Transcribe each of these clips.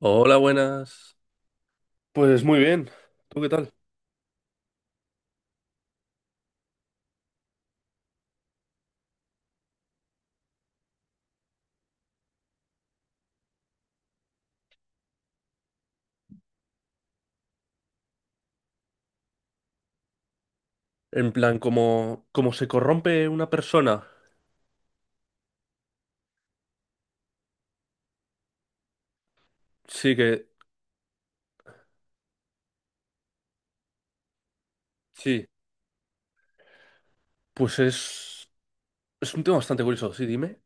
Hola, buenas. Pues muy bien. ¿Tú qué tal? En plan, como se corrompe una persona. Sí que, sí. Pues es un tema bastante curioso, sí, dime.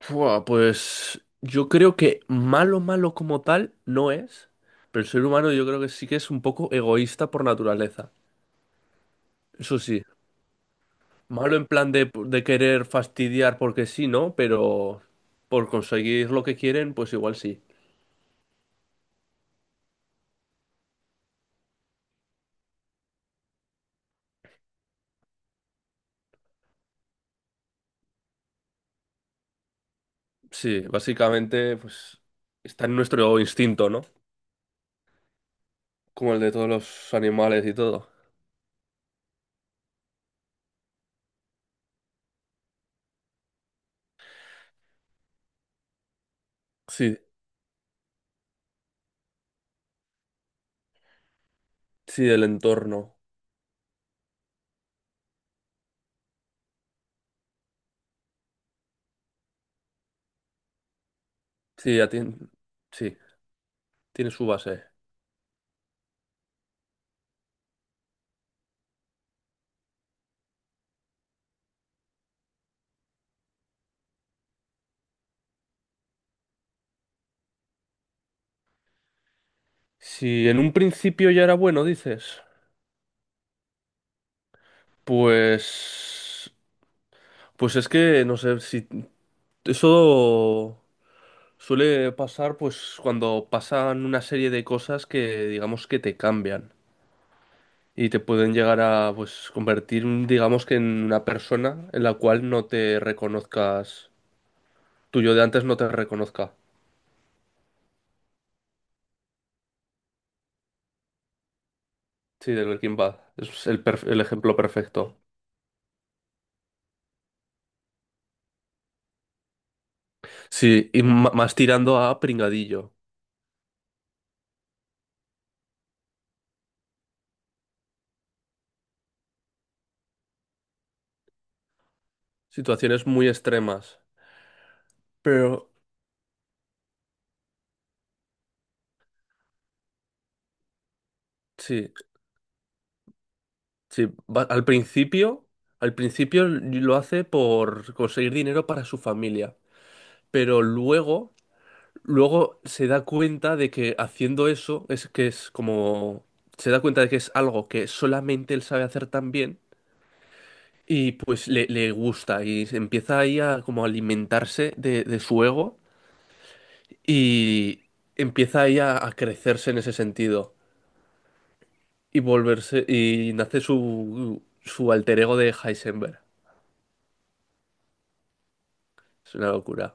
Fua, pues yo creo que malo, malo como tal no es, pero el ser humano yo creo que sí que es un poco egoísta por naturaleza. Eso sí, malo en plan de querer fastidiar porque sí, ¿no? Pero por conseguir lo que quieren, pues igual sí. Sí, básicamente, pues está en nuestro instinto, ¿no? Como el de todos los animales y todo. Sí, sí, el entorno. Sí, ya tiene, sí, tiene su base. Si en un principio ya era bueno, dices, pues, pues es que no sé si eso suele pasar, pues cuando pasan una serie de cosas que digamos que te cambian. Y te pueden llegar a pues convertir, digamos que en una persona en la cual no te reconozcas, tu yo de antes no te reconozca. Sí, del Breaking Bad. Es el ejemplo perfecto. Sí, y más tirando a pringadillo. Situaciones muy extremas. Pero sí, sí. Al principio lo hace por conseguir dinero para su familia. Pero luego se da cuenta de que haciendo eso es que es como... Se da cuenta de que es algo que solamente él sabe hacer tan bien y pues le gusta y se empieza ahí a como alimentarse de su ego y empieza ahí a crecerse en ese sentido y volverse y nace su alter ego de Heisenberg. Es una locura.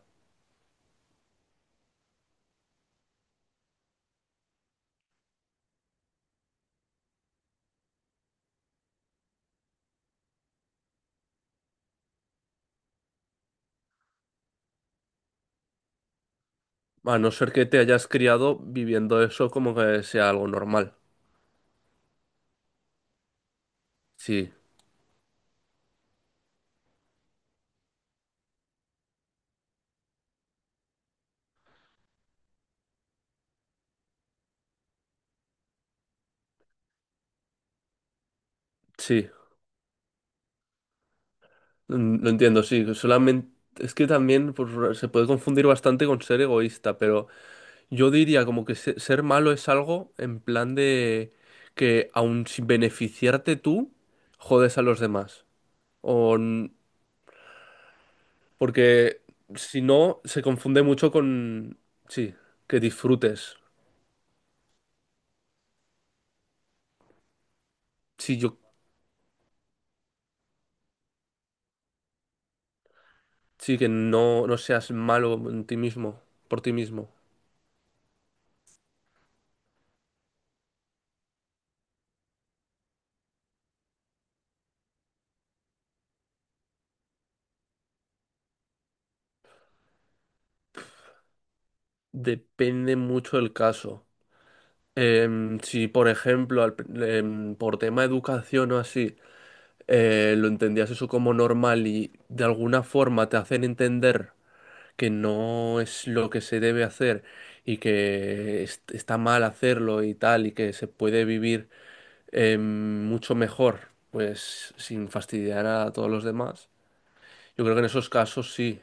A no ser que te hayas criado viviendo eso como que sea algo normal. Sí, sí. Lo entiendo, sí. Solamente es que también pues, se puede confundir bastante con ser egoísta, pero yo diría como que ser malo es algo en plan de que aun sin beneficiarte tú, jodes a los demás. O n- porque si no, se confunde mucho con sí, que disfrutes. Sí, yo sí que no seas malo en ti mismo, por ti mismo. Depende mucho del caso. Si, por ejemplo, por tema de educación o así, lo entendías eso como normal y de alguna forma te hacen entender que no es lo que se debe hacer y que está mal hacerlo y tal, y que se puede vivir mucho mejor, pues sin fastidiar a todos los demás. Yo creo que en esos casos sí.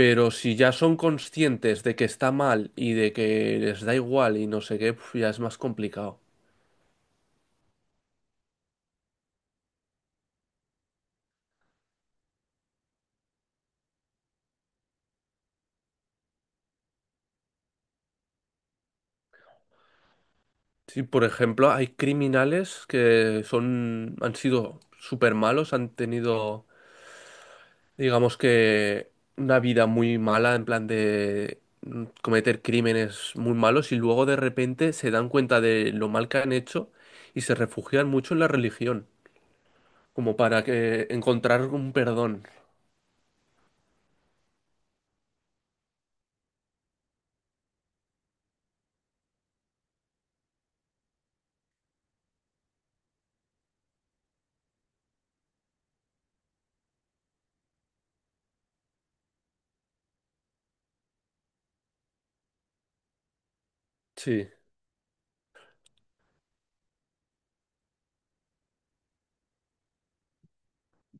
Pero si ya son conscientes de que está mal y de que les da igual y no sé qué, pf, ya es más complicado. Sí, por ejemplo, hay criminales que son, han sido súper malos, han tenido, digamos que, una vida muy mala, en plan de cometer crímenes muy malos y luego de repente se dan cuenta de lo mal que han hecho y se refugian mucho en la religión, como para que encontrar un perdón. Sí.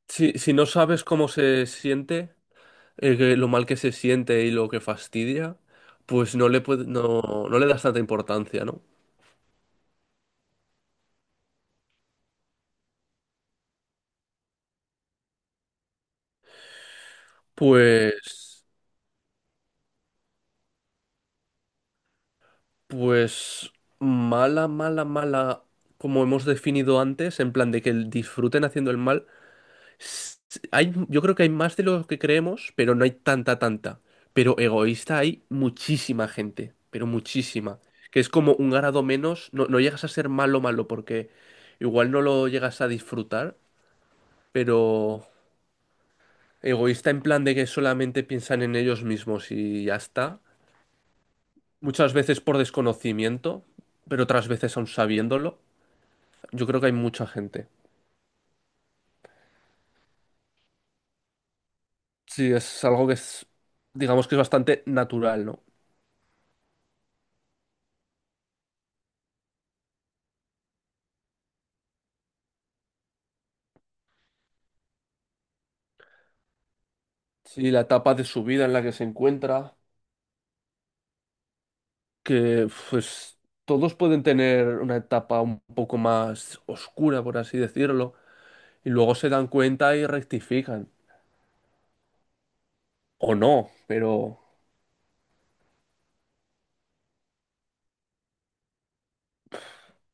Si no sabes cómo se siente, que lo mal que se siente y lo que fastidia, pues no le das tanta importancia, ¿no? Pues, pues mala, mala, mala, como hemos definido antes, en plan de que disfruten haciendo el mal. s- Hay, yo creo que hay más de lo que creemos, pero no hay tanta, tanta. Pero egoísta hay muchísima gente, pero muchísima. Que es como un grado menos, no, no llegas a ser malo, malo, porque igual no lo llegas a disfrutar, pero egoísta en plan de que solamente piensan en ellos mismos y ya está. Muchas veces por desconocimiento, pero otras veces aún sabiéndolo. Yo creo que hay mucha gente. Sí, es algo que es, digamos que es bastante natural, ¿no? Sí, la etapa de su vida en la que se encuentra, que pues todos pueden tener una etapa un poco más oscura, por así decirlo, y luego se dan cuenta y rectifican. O no, pero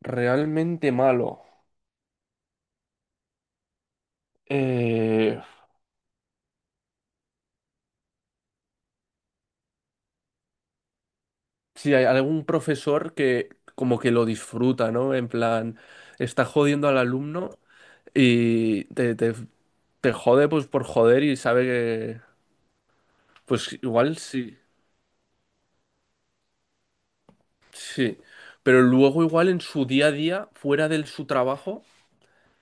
realmente malo. Eh, si hay algún profesor que como que lo disfruta, ¿no? En plan, está jodiendo al alumno y te jode pues por joder y sabe que, pues igual sí, sí. Pero luego igual en su día a día, fuera de su trabajo,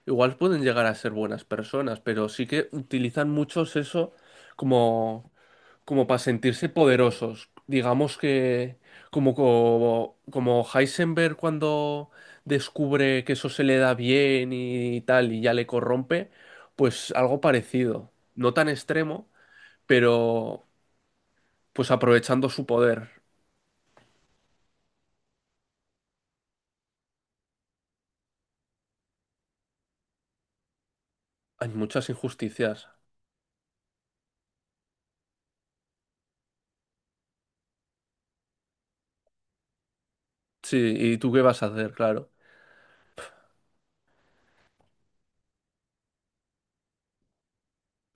igual pueden llegar a ser buenas personas, pero sí que utilizan muchos eso como... como para sentirse poderosos. Digamos que como Heisenberg cuando descubre que eso se le da bien y tal y ya le corrompe, pues algo parecido. No tan extremo, pero pues aprovechando su poder. Hay muchas injusticias. Sí, ¿y tú qué vas a hacer? Claro.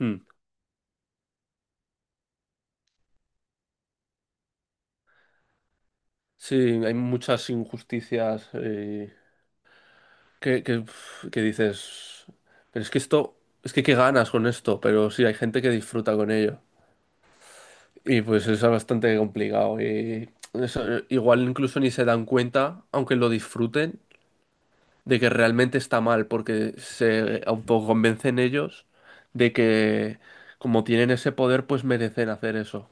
Mm. Sí, hay muchas injusticias uf, que dices, pero es que esto, es que qué ganas con esto, pero sí, hay gente que disfruta con ello. Y pues eso es bastante complicado. Y eso, igual incluso ni se dan cuenta, aunque lo disfruten, de que realmente está mal, porque se autoconvencen ellos de que como tienen ese poder, pues merecen hacer eso.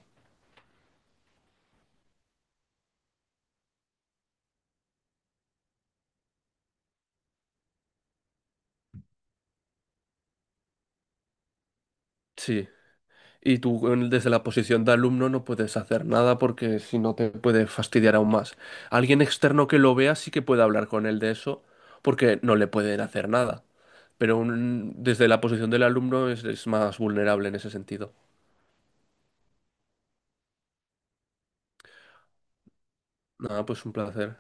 Sí. Y tú desde la posición de alumno no puedes hacer nada porque si no te puede fastidiar aún más. Alguien externo que lo vea sí que puede hablar con él de eso porque no le pueden hacer nada. Pero desde la posición del alumno es más vulnerable en ese sentido. Nada, pues un placer.